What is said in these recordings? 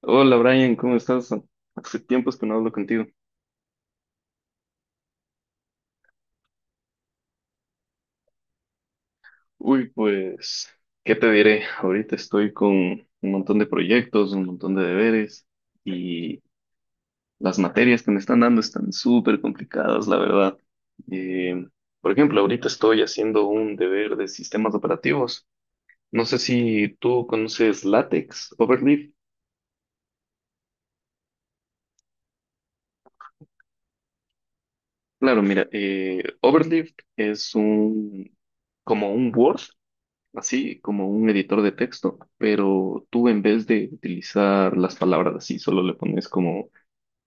Hola Brian, ¿cómo estás? Hace tiempos que no hablo contigo. Uy, pues, ¿qué te diré? Ahorita estoy con un montón de proyectos, un montón de deberes y las materias que me están dando están súper complicadas, la verdad. Eh, por ejemplo, ahorita estoy haciendo un deber de sistemas operativos. No sé si tú conoces LaTeX, Overleaf. Claro, mira, Overleaf es un como un Word, así como un editor de texto, pero tú en vez de utilizar las palabras así, solo le pones como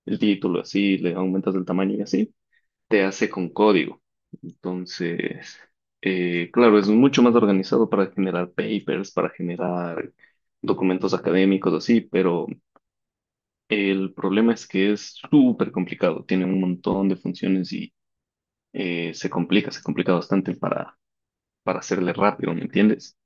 el título así, le aumentas el tamaño y así, te hace con código. Entonces, claro, es mucho más organizado para generar papers, para generar documentos académicos así, pero el problema es que es súper complicado, tiene un montón de funciones y se complica bastante para hacerle rápido, ¿me entiendes?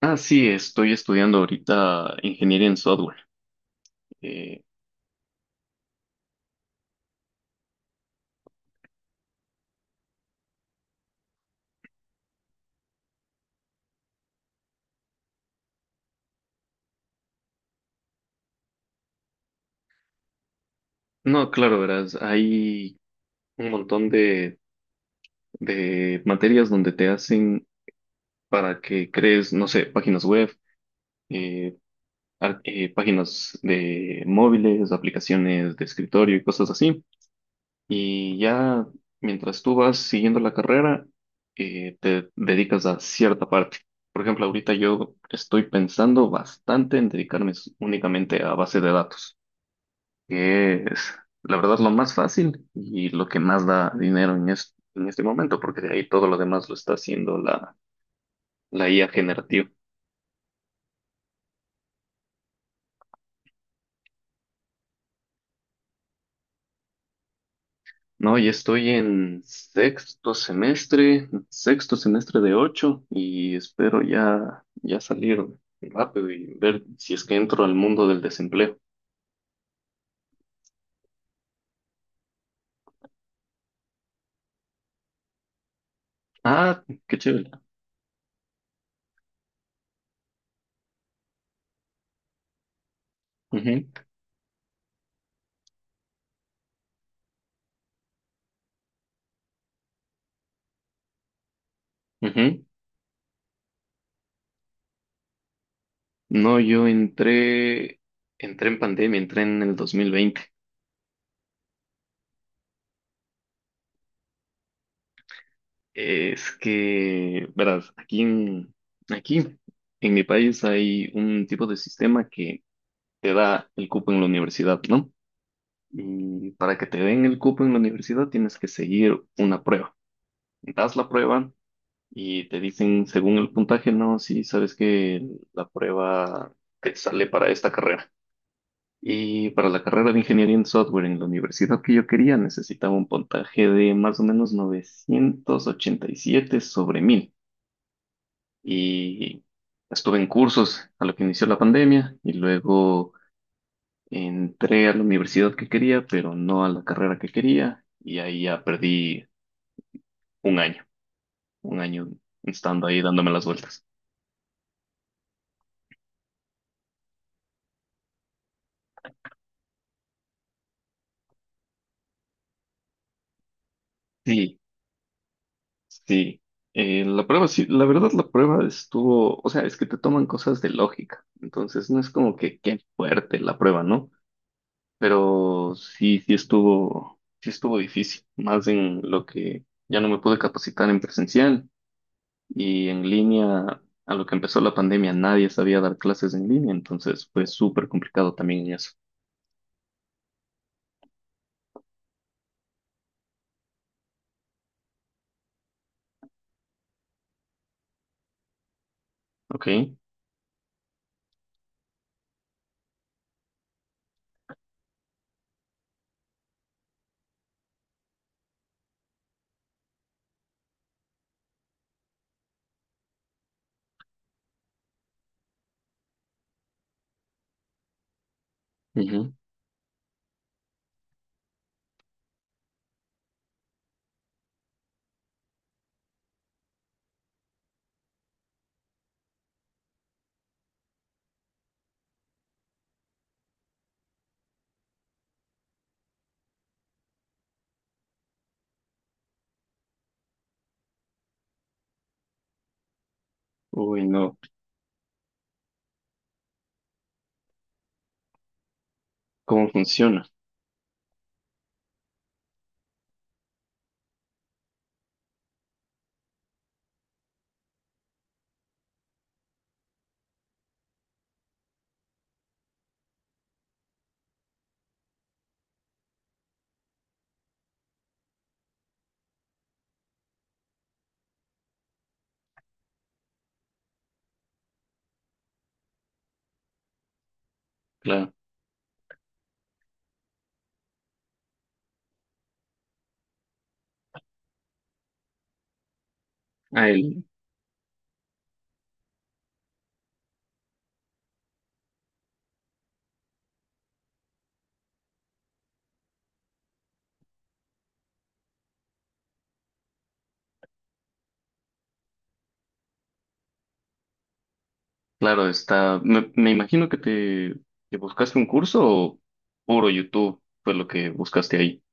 Ah, sí, estoy estudiando ahorita ingeniería en software. Eh, no, claro, verás, hay un montón de materias donde te hacen para que crees, no sé, páginas web, eh, páginas de móviles, aplicaciones de escritorio y cosas así. Y ya mientras tú vas siguiendo la carrera, te dedicas a cierta parte. Por ejemplo, ahorita yo estoy pensando bastante en únicamente a base de datos, que es la verdad lo más fácil y lo que más da dinero en este momento, porque de ahí todo lo demás lo está haciendo la IA generativa. No, y estoy en sexto semestre de ocho y espero ya salir rápido y ver si es que entro al mundo del desempleo. Ah, qué chévere. Ujú, ujú. No, entré en pandemia, entré en el 2020. Es que, verás, aquí en mi país hay un tipo de sistema que te da el cupo en la universidad, ¿no? Y para que te den el cupo en la universidad tienes que seguir una prueba. Das la prueba y te dicen, según el puntaje, no, sí, sabes que la prueba te sale para esta carrera. Y para la carrera de ingeniería en software en la universidad que yo quería, necesitaba un puntaje de más o menos 987 sobre 1000. Y estuve en cursos a lo que inició la pandemia y luego entré a la universidad que quería, pero no a la carrera que quería y ahí ya perdí un año, un año estando ahí dándome las vueltas. Sí, sí. La prueba, sí, la verdad la prueba estuvo, o sea, es que te toman cosas de lógica, entonces no es como que qué fuerte la prueba, ¿no? Pero sí, sí estuvo difícil, más en lo que ya no me pude capacitar en presencial. Y en línea, a lo que empezó la pandemia, nadie sabía dar clases en línea, entonces fue súper complicado también en eso. Ok. Ujú. Uy, no. ¿Cómo funciona? Claro. Ah, el- claro, está. Me imagino que te que buscaste un curso o puro YouTube fue lo que buscaste ahí.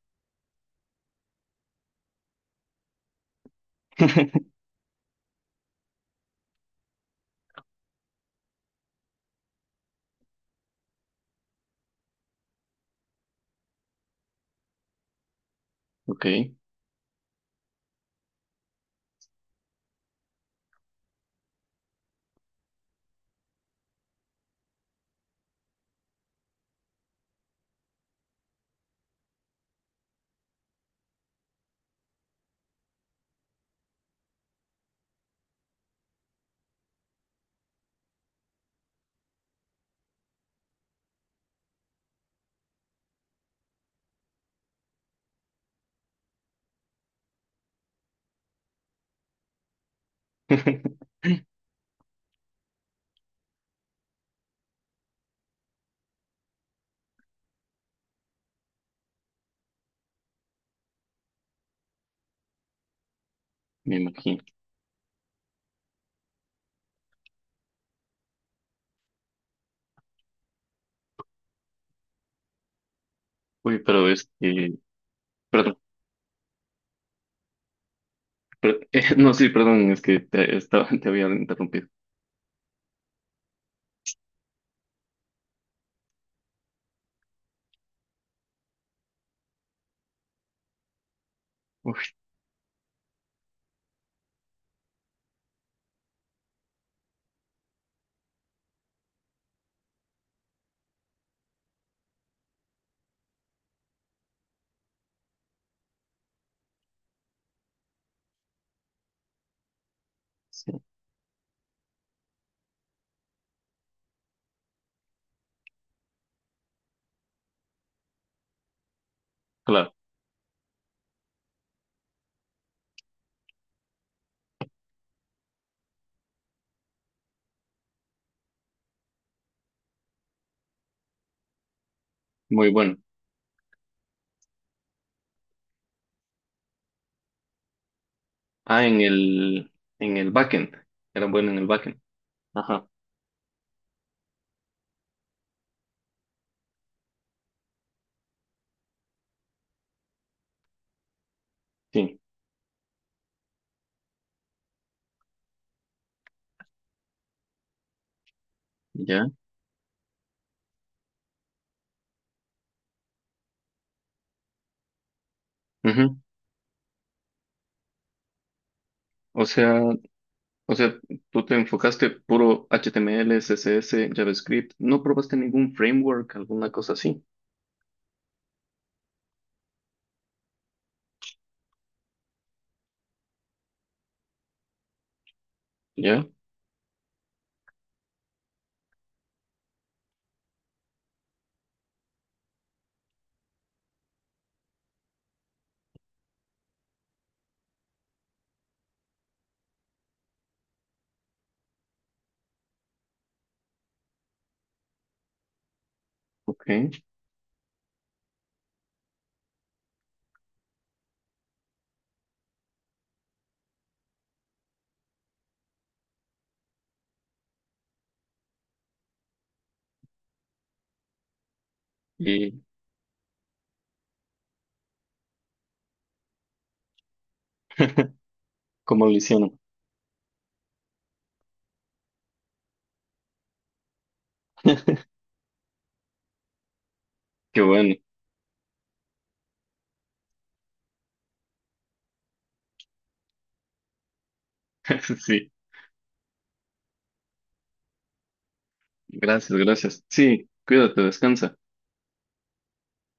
Ok. Me imagino. Uy, pero este. Perdón. No, sí, perdón, es que te había interrumpido. Uy, sí. Claro. Muy bueno. Ah, en el, en el backend. Era bueno en el backend. Ajá, sí, ya. Ujú. O sea, o sea, tú te enfocaste puro HTML, CSS, JavaScript. No probaste ningún framework, alguna cosa así. Ya, ok. ¿Y cómo lo hicieron? Qué bueno. Sí, gracias, gracias. Sí, cuídate, descansa.